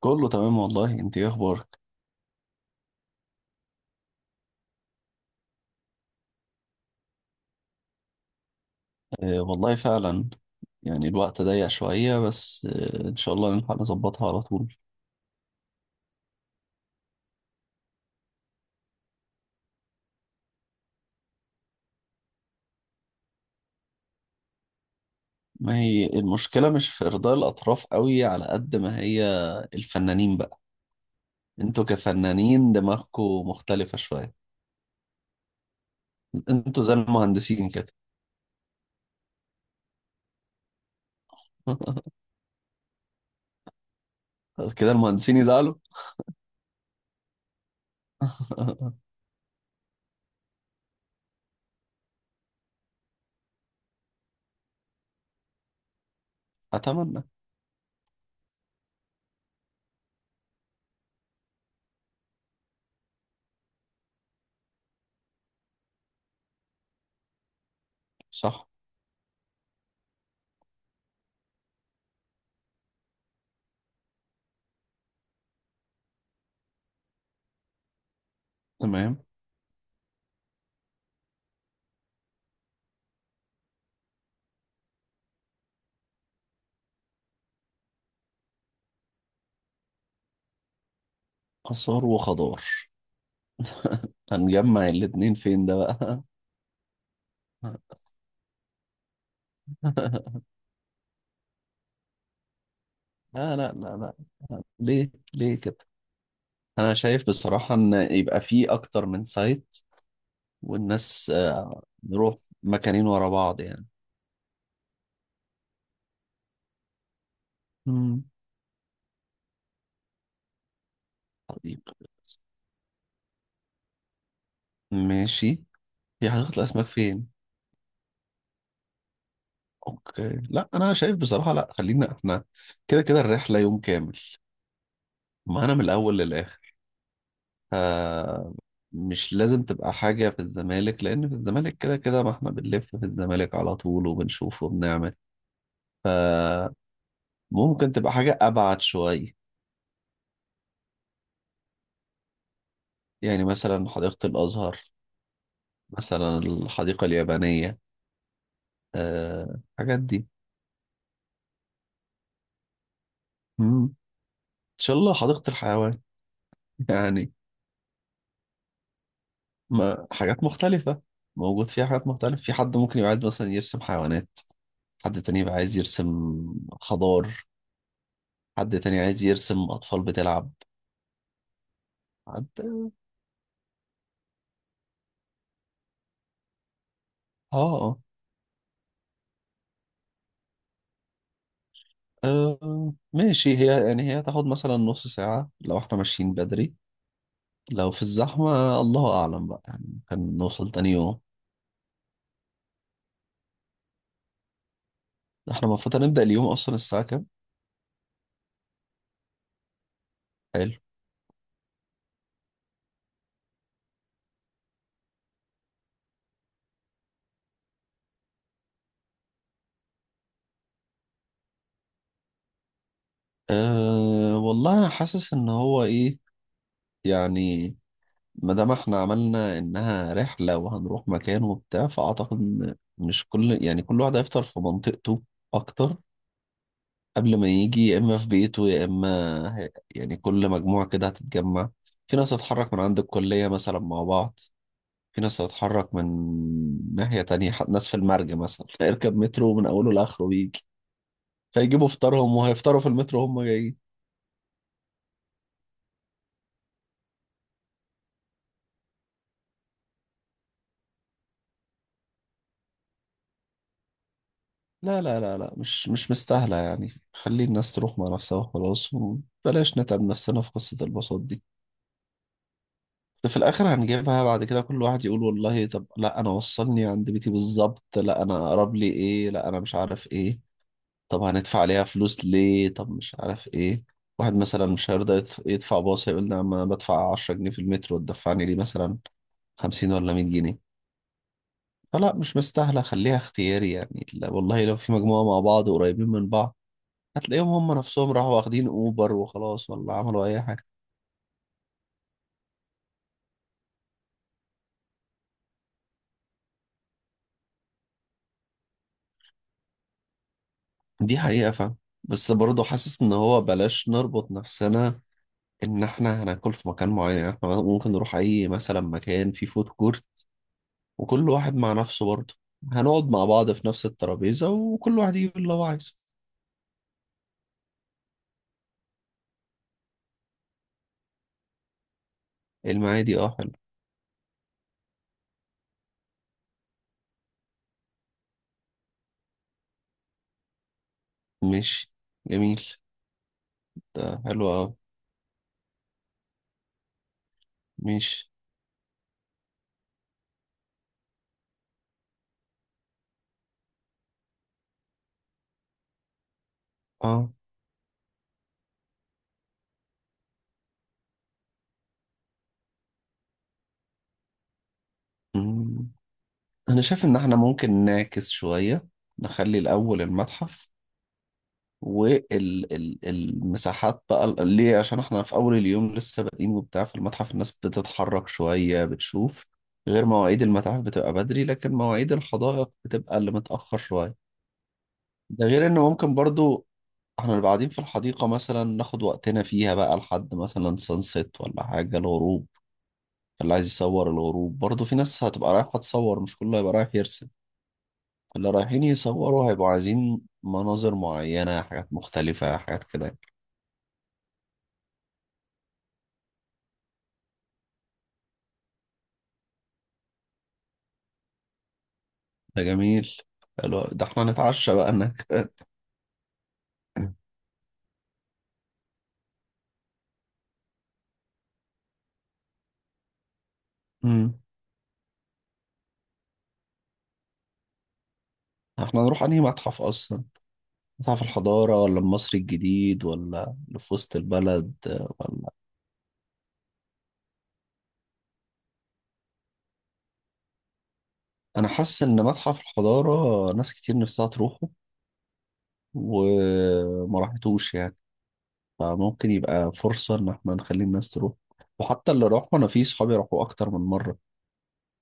كله تمام والله. انت ايه اخبارك؟ آه والله فعلا. يعني الوقت ضيق شوية بس آه ان شاء الله نلحق نظبطها على طول. ما هي المشكلة مش في ارضاء الاطراف قوي على قد ما هي الفنانين بقى. انتوا كفنانين دماغكوا مختلفة شوية. انتوا زي المهندسين كده. كده المهندسين يزعلوا. اتمنى. صح. تمام. آثار وخضار. هنجمع الاتنين فين ده بقى؟ لا لا لا لا، ليه ليه كده؟ انا شايف بصراحة ان يبقى في اكتر من سايت، والناس نروح مكانين ورا بعض يعني. مم. حديقة الأسماك. ماشي، هي حديقة الاسماك فين؟ اوكي، لا انا شايف بصراحة، لا خلينا احنا كده كده الرحلة يوم كامل. ما انا من الاول للاخر. آه، مش لازم تبقى حاجة في الزمالك، لان في الزمالك كده كده ما احنا بنلف في الزمالك على طول وبنشوف وبنعمل. فممكن تبقى حاجة ابعد شوية. يعني مثلا حديقة الازهر، مثلا الحديقة اليابانية. الحاجات دي. مم. ان شاء الله حديقة الحيوان. يعني ما حاجات مختلفة موجود فيها، حاجات مختلفة. في حد ممكن يبقى عايز مثلا يرسم حيوانات، حد تاني يبقى عايز يرسم خضار، حد تاني عايز يرسم أطفال بتلعب، حد. اه. ماشي، هي يعني هي تاخد مثلا نص ساعة لو احنا ماشيين بدري. لو في الزحمة الله أعلم بقى، يعني ممكن نوصل تاني يوم. احنا المفروض هنبدأ اليوم أصلا الساعة كام؟ حلو. أه والله أنا حاسس إن هو إيه، يعني ما دام إحنا عملنا إنها رحلة وهنروح مكان وبتاع، فأعتقد إن مش كل يعني كل واحد هيفطر في منطقته أكتر، قبل ما يجي يا إما في بيته يا إما هي- يعني كل مجموعة كده هتتجمع. في ناس هتتحرك من عند الكلية مثلا مع بعض، في ناس هتتحرك من ناحية تانية، ناس في المرج مثلا هيركب مترو من أوله لآخره ويجي، فيجيبوا فطارهم وهيفطروا في المترو هم جايين. لا لا لا لا، مش مستاهلة يعني. خلي الناس تروح مع نفسها وخلاص، وبلاش نتعب نفسنا في قصة الباصات دي. ده في الآخر هنجيبها بعد كده كل واحد يقول والله، طب لا أنا وصلني عند بيتي بالظبط، لا أنا أقرب لي إيه، لا أنا مش عارف إيه، طب هندفع عليها فلوس ليه، طب مش عارف إيه. واحد مثلا مش هيرضى يدفع باص، هيقول لي أما أنا بدفع 10 جنيه في المترو تدفعني لي مثلا 50 ولا 100 جنيه. فلا مش مستاهلة، خليها اختياري يعني. لا والله لو في مجموعة مع بعض قريبين من بعض، هتلاقيهم هم نفسهم راحوا واخدين اوبر وخلاص، ولا عملوا اي حاجه. دي حقيقه، فاهم. بس برضه حاسس ان هو بلاش نربط نفسنا ان احنا هناكل في مكان معين. يعني احنا ممكن نروح اي مثلا مكان فيه فود كورت، وكل واحد مع نفسه برضه. هنقعد مع بعض في نفس الترابيزه وكل واحد يجيب اللي هو عايزه. المعادي، اه حلو. ماشي. جميل. ده حلو اه. ماشي. اه. مم. انا شايف ان احنا ممكن نعكس شويه، نخلي الاول المتحف والمساحات بقى. ليه؟ عشان احنا في اول اليوم لسه بادئين وبتاع، في المتحف الناس بتتحرك شوية بتشوف، غير مواعيد المتاحف بتبقى بدري، لكن مواعيد الحدائق بتبقى اللي متأخر شوية. ده غير ان ممكن برضو احنا نبقى قاعدين في الحديقة مثلا ناخد وقتنا فيها بقى لحد مثلا سانسيت ولا حاجة، الغروب. اللي عايز يصور الغروب، برضو في ناس هتبقى رايحة تصور، مش كله هيبقى رايح يرسم. اللي رايحين يصوروا هيبقوا عايزين مناظر معينة، حاجات مختلفة، حاجات كده. ده جميل. حلو ده، احنا نتعشى بقى انك. امم. احنا نروح انهي متحف اصلا؟ متحف الحضارة ولا المصري الجديد ولا اللي في وسط البلد؟ ولا. انا حاسس ان متحف الحضارة ناس كتير نفسها تروحه وما راحتوش يعني، فممكن يبقى فرصة ان احنا نخلي الناس تروح. وحتى اللي راحوا، انا في صحابي راحوا اكتر من مرة،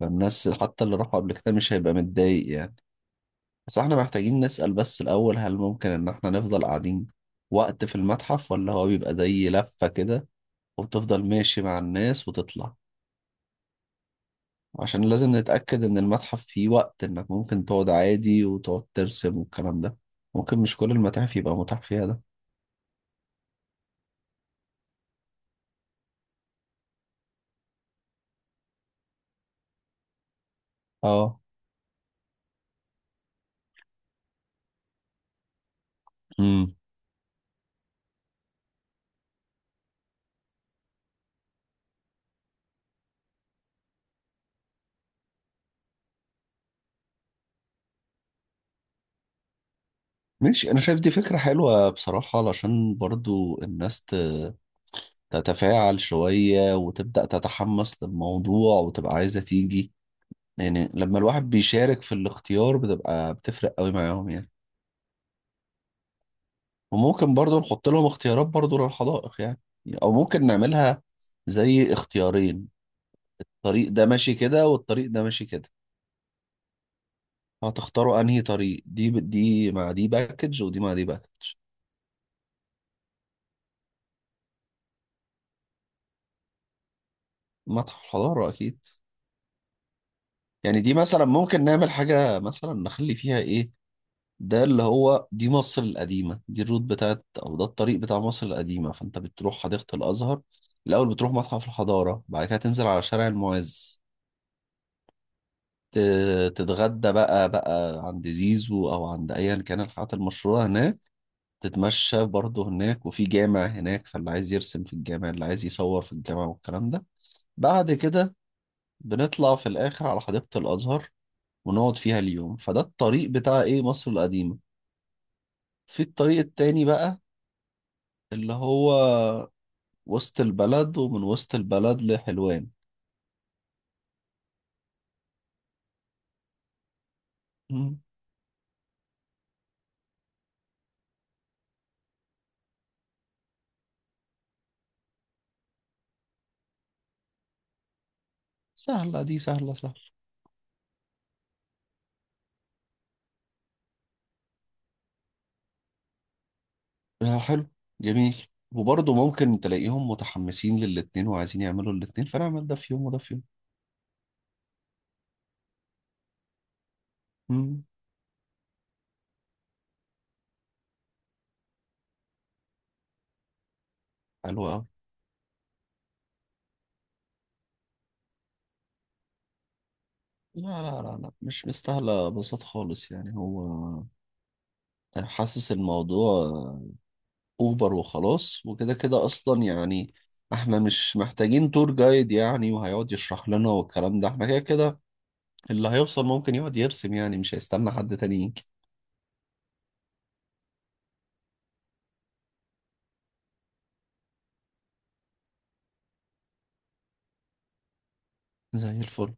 فالناس حتى اللي راحوا قبل كده مش هيبقى متضايق يعني. بس احنا محتاجين نسأل بس الأول، هل ممكن إن احنا نفضل قاعدين وقت في المتحف، ولا هو بيبقى زي لفة كده وبتفضل ماشي مع الناس وتطلع؟ عشان لازم نتأكد إن المتحف فيه وقت إنك ممكن تقعد عادي وتقعد ترسم والكلام ده، ممكن مش كل المتاحف يبقى متاح فيها ده. اه. امم. ماشي، أنا شايف دي فكرة حلوة بصراحة، علشان برضو الناس تتفاعل شوية وتبدأ تتحمس للموضوع وتبقى عايزة تيجي. يعني لما الواحد بيشارك في الاختيار، بتبقى بتفرق قوي معاهم يعني. وممكن برضو نحط لهم اختيارات برضو للحدائق يعني، او ممكن نعملها زي اختيارين. طريق ده ماشي كده، والطريق ده ماشي كده. هتختاروا انهي طريق؟ دي دي مع دي باكج، ودي مع دي باكج. متحف الحضارة اكيد. يعني دي مثلا ممكن نعمل حاجة مثلا نخلي فيها ايه، ده اللي هو دي مصر القديمة، دي الروت بتاعت، أو ده الطريق بتاع مصر القديمة. فأنت بتروح حديقة الأزهر الأول، بتروح متحف الحضارة، بعد كده تنزل على شارع المعز، تتغدى بقى عند زيزو أو عند أيا كان الحاجات المشهورة هناك، تتمشى برضه هناك، وفي جامع هناك فاللي عايز يرسم في الجامع، اللي عايز يصور في الجامع والكلام ده. بعد كده بنطلع في الآخر على حديقة الأزهر ونقعد فيها اليوم. فده الطريق بتاع إيه؟ مصر القديمة. في الطريق التاني بقى اللي هو وسط البلد، ومن وسط البلد لحلوان. مم. سهلة دي، سهلة سهلة. حلو. جميل. وبرضه ممكن تلاقيهم متحمسين للاتنين وعايزين يعملوا الاتنين، فنعمل ده في يوم وده في يوم. مم. حلو أوي. لا لا لا لا، مش مستاهلة بساط خالص يعني. هو حاسس الموضوع أوبر وخلاص، وكده كده أصلا يعني. احنا مش محتاجين تور جايد يعني وهيقعد يشرح لنا والكلام ده، احنا كده كده اللي هيوصل ممكن يقعد يرسم يعني، مش هيستنى حد تاني يجي. زي الفل.